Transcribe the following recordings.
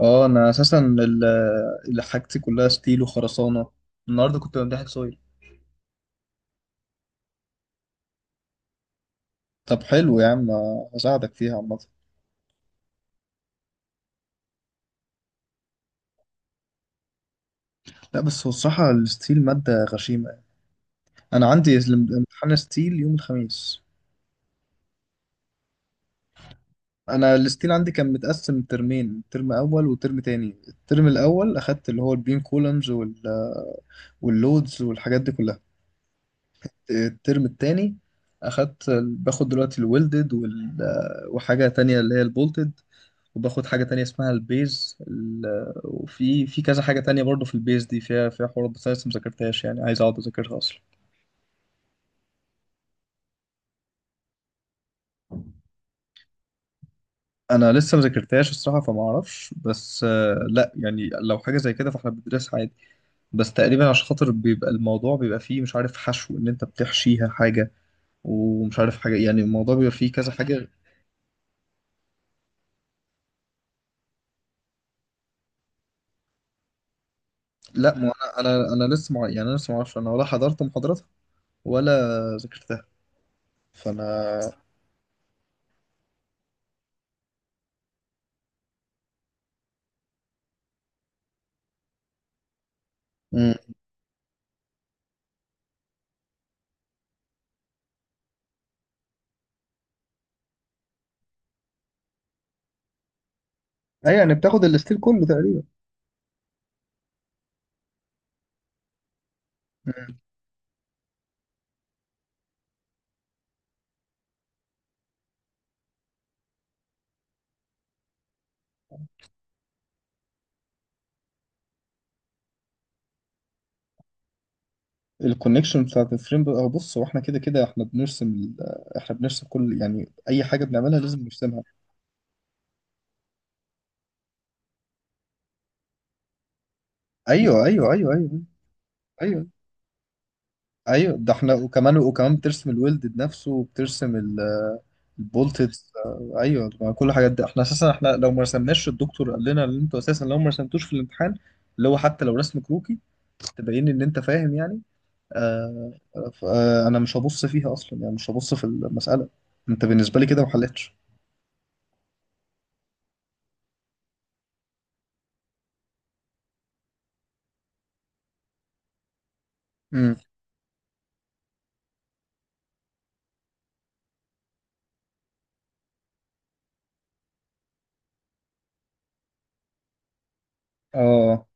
اه انا اساسا اللي حاجتي كلها ستيل وخرسانه. النهارده كنت بمتحن سويل. طب حلو يا عم، هساعدك فيها عامه. لا بس هو الصراحه الستيل ماده غشيمه يعني. انا عندي امتحان ستيل يوم الخميس. انا الستيل عندي كان متقسم ترمين، ترم اول وترم تاني. الترم الاول اخدت اللي هو البيم كولمز واللودز والحاجات دي كلها. الترم التاني باخد دلوقتي الويلدد وحاجه تانية اللي هي البولتد، وباخد حاجة تانية اسمها البيز، وفي كذا حاجة تانية برضو. في البيز دي فيها حوارات بس أنا لسه مذاكرتهاش، يعني عايز أقعد أذاكرها أصلا. أنا لسه مذاكرتهاش الصراحة، فما أعرفش، بس آه، لا يعني لو حاجة زي كده فإحنا بندرسها عادي. بس تقريبا عشان خاطر بيبقى الموضوع بيبقى فيه مش عارف حشو، إن أنت بتحشيها حاجة ومش عارف حاجة، يعني الموضوع بيبقى فيه كذا حاجة. لا ما أنا يعني أنا لسه معرفش، أنا ولا حضرت محاضراتها ولا ذاكرتها، فأنا. مم. أي يعني بتاخد الستيل كله تقريبا. الكونكشن بتاعت الفريم بقى، بص هو احنا كده كده احنا بنرسم كل، يعني اي حاجه بنعملها لازم نرسمها. ايوه، ايوه، ايوه، ايوه، ايوه، ايوه، ده احنا وكمان بترسم الويلد نفسه وبترسم البولتد. ايوه، ما كل الحاجات دي احنا اساسا، احنا لو ما رسمناش الدكتور قال لنا ان انتوا اساسا لو ما رسمتوش في الامتحان، اللي هو حتى لو رسم كروكي تبين ان انت فاهم يعني. آه. آه انا مش هبص فيها اصلا، يعني مش هبص في المساله، انت بالنسبه لي كده ما حلتش. امم. اه،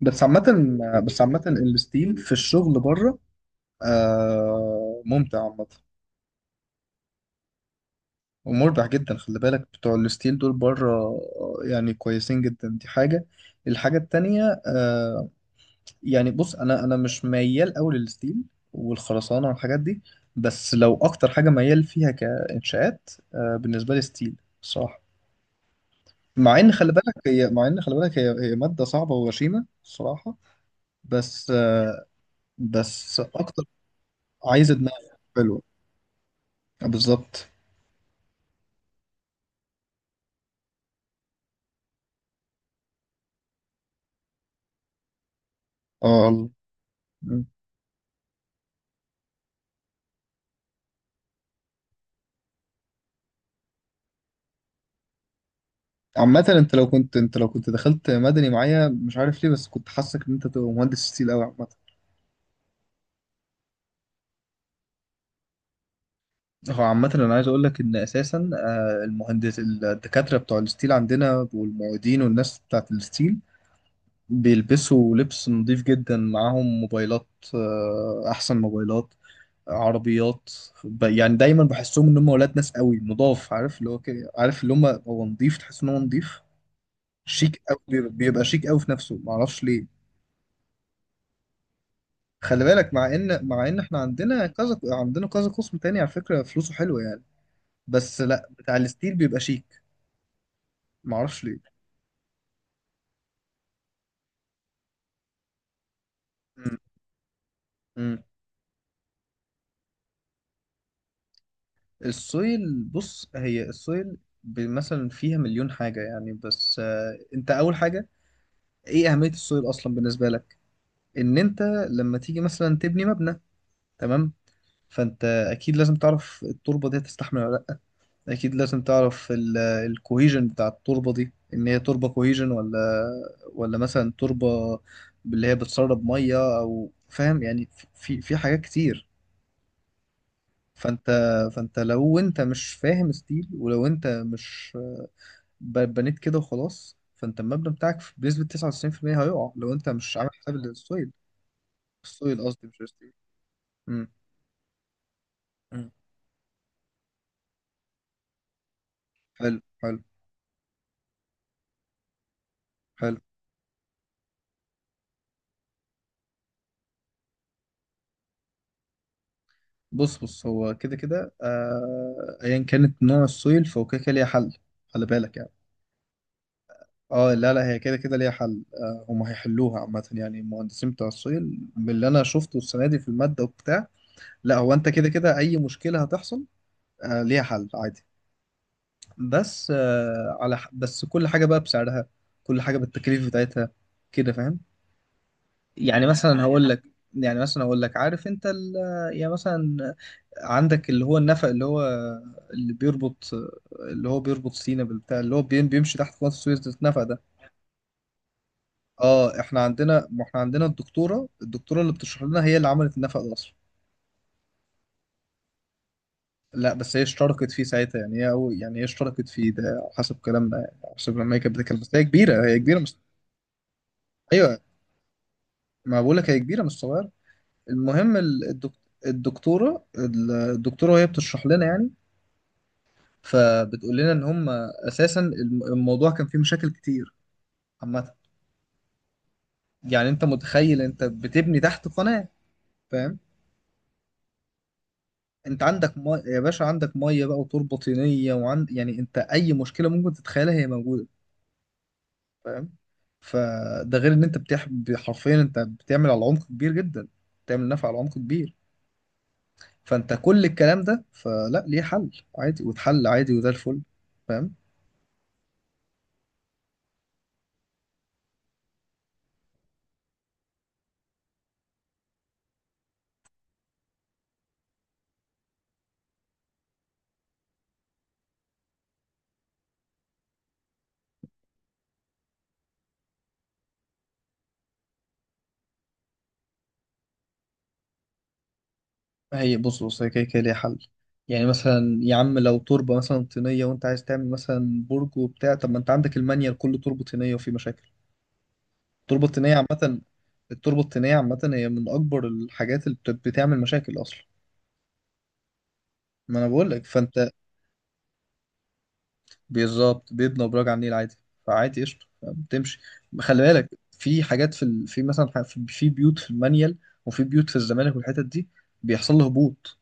بس عامة، بس عامة الستيم في الشغل بره، آه، ممتع عامة ومربح جدا. خلي بالك بتوع الستيل دول بره، آه، يعني كويسين جدا، دي حاجة. الحاجة التانية آه، يعني بص أنا مش ميال أوي للستيل والخرسانة والحاجات دي، بس لو أكتر حاجة ميال فيها كإنشاءات، آه، بالنسبة لي ستيل الصراحة. مع إن خلي بالك هي، مع إن خلي بالك هي مادة صعبة وغشيمة الصراحة، بس آه، بس أكتر، عايزة دماغ حلوة. بالظبط. اه الله. مم. عامة، انت لو كنت دخلت مدني معايا، مش عارف ليه بس كنت حاسك ان انت تبقى مهندس ستيل قوي عامة. هو عامة انا عايز اقول لك ان اساسا آه، المهندس الدكاترة بتوع الستيل عندنا والمعيدين والناس بتاعت الستيل بيلبسوا لبس نظيف جدا، معاهم موبايلات، آه، احسن موبايلات، عربيات، ب- يعني دايما بحسهم ان هم ولاد ناس قوي نضاف، عارف اللي هو كده، عارف اللي هم هو نضيف، تحس ان هو نضيف. شيك قوي بيبقى بيبقى شيك قوي في نفسه، معرفش ليه. خلي بالك مع ان احنا عندنا كذا قسم تاني على فكره، فلوسه حلوه يعني، بس لا بتاع الستيل بيبقى شيك، معرفش ليه. مم. مم. السويل، بص هي السويل ب- مثلا فيها مليون حاجه يعني. بس آه، انت اول حاجه ايه اهميه السويل اصلا بالنسبه لك؟ ان انت لما تيجي مثلا تبني مبنى، تمام، فانت اكيد لازم تعرف التربه دي هتستحمل ولا، اكيد لازم تعرف الكوهيجن بتاع التربه دي ان هي تربه كوهيجن ولا، ولا مثلا تربه اللي هي بتسرب ميه، او فاهم يعني. في حاجات كتير. فانت، فانت لو انت مش فاهم ستيل، ولو انت مش ب- بنيت كده وخلاص، فانت المبنى بتاعك بنسبه 99% هيقع لو انت مش عامل حساب للسويل. السويل قصدي مش الستيل. امم. مم. حلو حلو. حلو. بص بص هو كده كده آه، ايا كانت نوع السويل فهو كده كده ليها حل. خلي بالك يعني. اه لا لا، هي كده كده ليها حل، آه، هم هيحلوها عامة، يعني المهندسين بتوع السويل من اللي انا شفته السنة دي في المادة وبتاع. لا، هو انت كده كده اي مشكلة هتحصل آه ليها حل عادي. بس آه، على ح- بس كل حاجة بقى بسعرها، كل حاجة بالتكاليف بتاعتها، كده فاهم. يعني مثلا هقول لك، يعني مثلا هقول لك، عارف انت يعني مثلا عندك اللي هو النفق، اللي بيربط اللي هو بيربط سينا بالبتاع اللي هو بيمشي تحت قناة السويس، ده النفق ده. اه، احنا عندنا، ما احنا عندنا الدكتورة اللي بتشرح لنا هي اللي عملت النفق ده اصلا. لا بس هي اشتركت فيه ساعتها يعني، هي أو يعني هي اشتركت فيه، ده على حسب كلامنا يعني، على حسب لما هي كانت بتتكلم، بس هي كبيرة مش. ايوه، ما بقول لك هي كبيرة مش صغيرة. المهم الدكتورة وهي بتشرح لنا يعني، فبتقول لنا ان هم اساسا الموضوع كان فيه مشاكل كتير عامه. يعني انت متخيل انت بتبني تحت قناه، فاهم؟ انت عندك ميه يا باشا، عندك ميه بقى وتربه طينيه، وعند يعني انت اي مشكله ممكن تتخيلها هي موجوده، فاهم. فده غير ان انت حرفيا انت بتعمل على عمق كبير جدا، بتعمل نفع على عمق كبير، فانت كل الكلام ده فلا ليه حل، عادي، واتحل عادي، وده الفل. فاهم. هي بص بص هي كده كده ليها حل. يعني مثلا يا عم لو تربة مثلا طينية وانت عايز تعمل مثلا برج وبتاع، طب ما انت عندك المانيال كله تربة طينية وفي مشاكل. التربة الطينية عامة، التربة الطينية عامة هي من أكبر الحاجات اللي بتعمل مشاكل أصلا. ما أنا بقول لك، فأنت، بالظبط، بيبنى أبراج على النيل عادي، فعادي قشطة بتمشي. خلي بالك في حاجات في مثلا ح- في بيوت في المانيال، وفي بيوت في الزمالك والحتت دي، بيحصل له هبوط،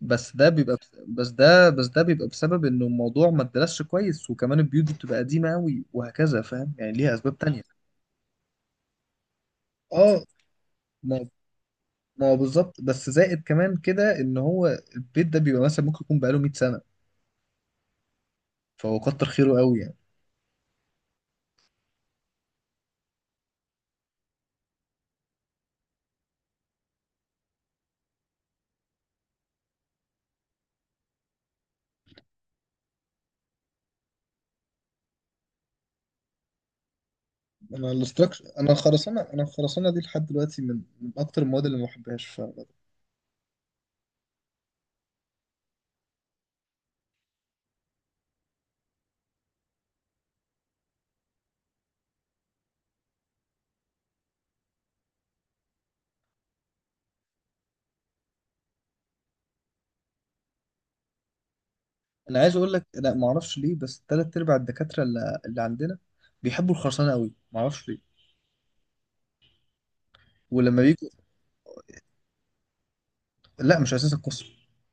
بس ده بيبقى بس بس ده بس ده بيبقى بسبب انه الموضوع ما اتدرسش كويس، وكمان البيوت بتبقى قديمه قوي وهكذا، فاهم يعني، ليها اسباب تانية. اه. ما ما هو بالظبط، بس زائد كمان كده ان هو البيت ده بيبقى مثلا ممكن يكون بقاله 100 سنه، فهو كتر خيره قوي يعني. انا الخرسانه دي لحد دلوقتي من اكتر المواد اللي ما بحبهاش ف... انا عايز اقول لك، لا ما اعرفش ليه، بس ثلاث ارباع الدكاتره اللي عندنا بيحبوا الخرسانه قوي، ما اعرفش ليه. ولما بيجوا، لا مش اساس القسم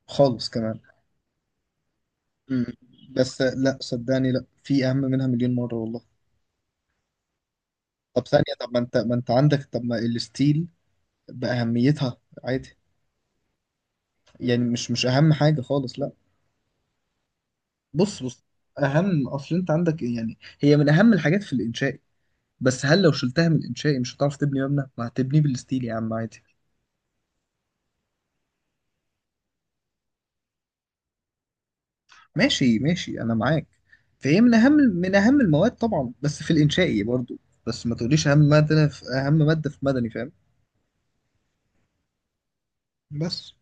خالص كمان. مم. بس لا صدقني، لا، في اهم منها مليون مره والله. طب ثانيه، طب ما انت عندك، طب ما الستيل باهميتها عادي، يعني مش مش اهم حاجه خالص لا. بص اهم، اصل انت عندك يعني هي من اهم الحاجات في الانشائي، بس هل لو شلتها من الانشائي مش هتعرف تبني مبنى؟ ما هتبنيه بالستيل يا عم عادي. ماشي ماشي انا معاك. فهي من اهم المواد طبعا بس في الانشائي برضو، بس ما تقوليش اهم ماده، في اهم ماده في مدني، فاهم. بس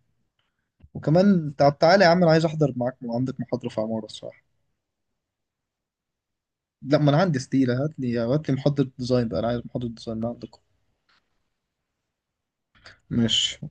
وكمان، طب تعالى يا عم انا عايز احضر معاك، عندك محاضرة في عمارة الصراحة. لا ما انا عندي ستيلة، هات لي محاضرة ديزاين بقى، انا عايز محاضرة ديزاين من عندكم. ماشي.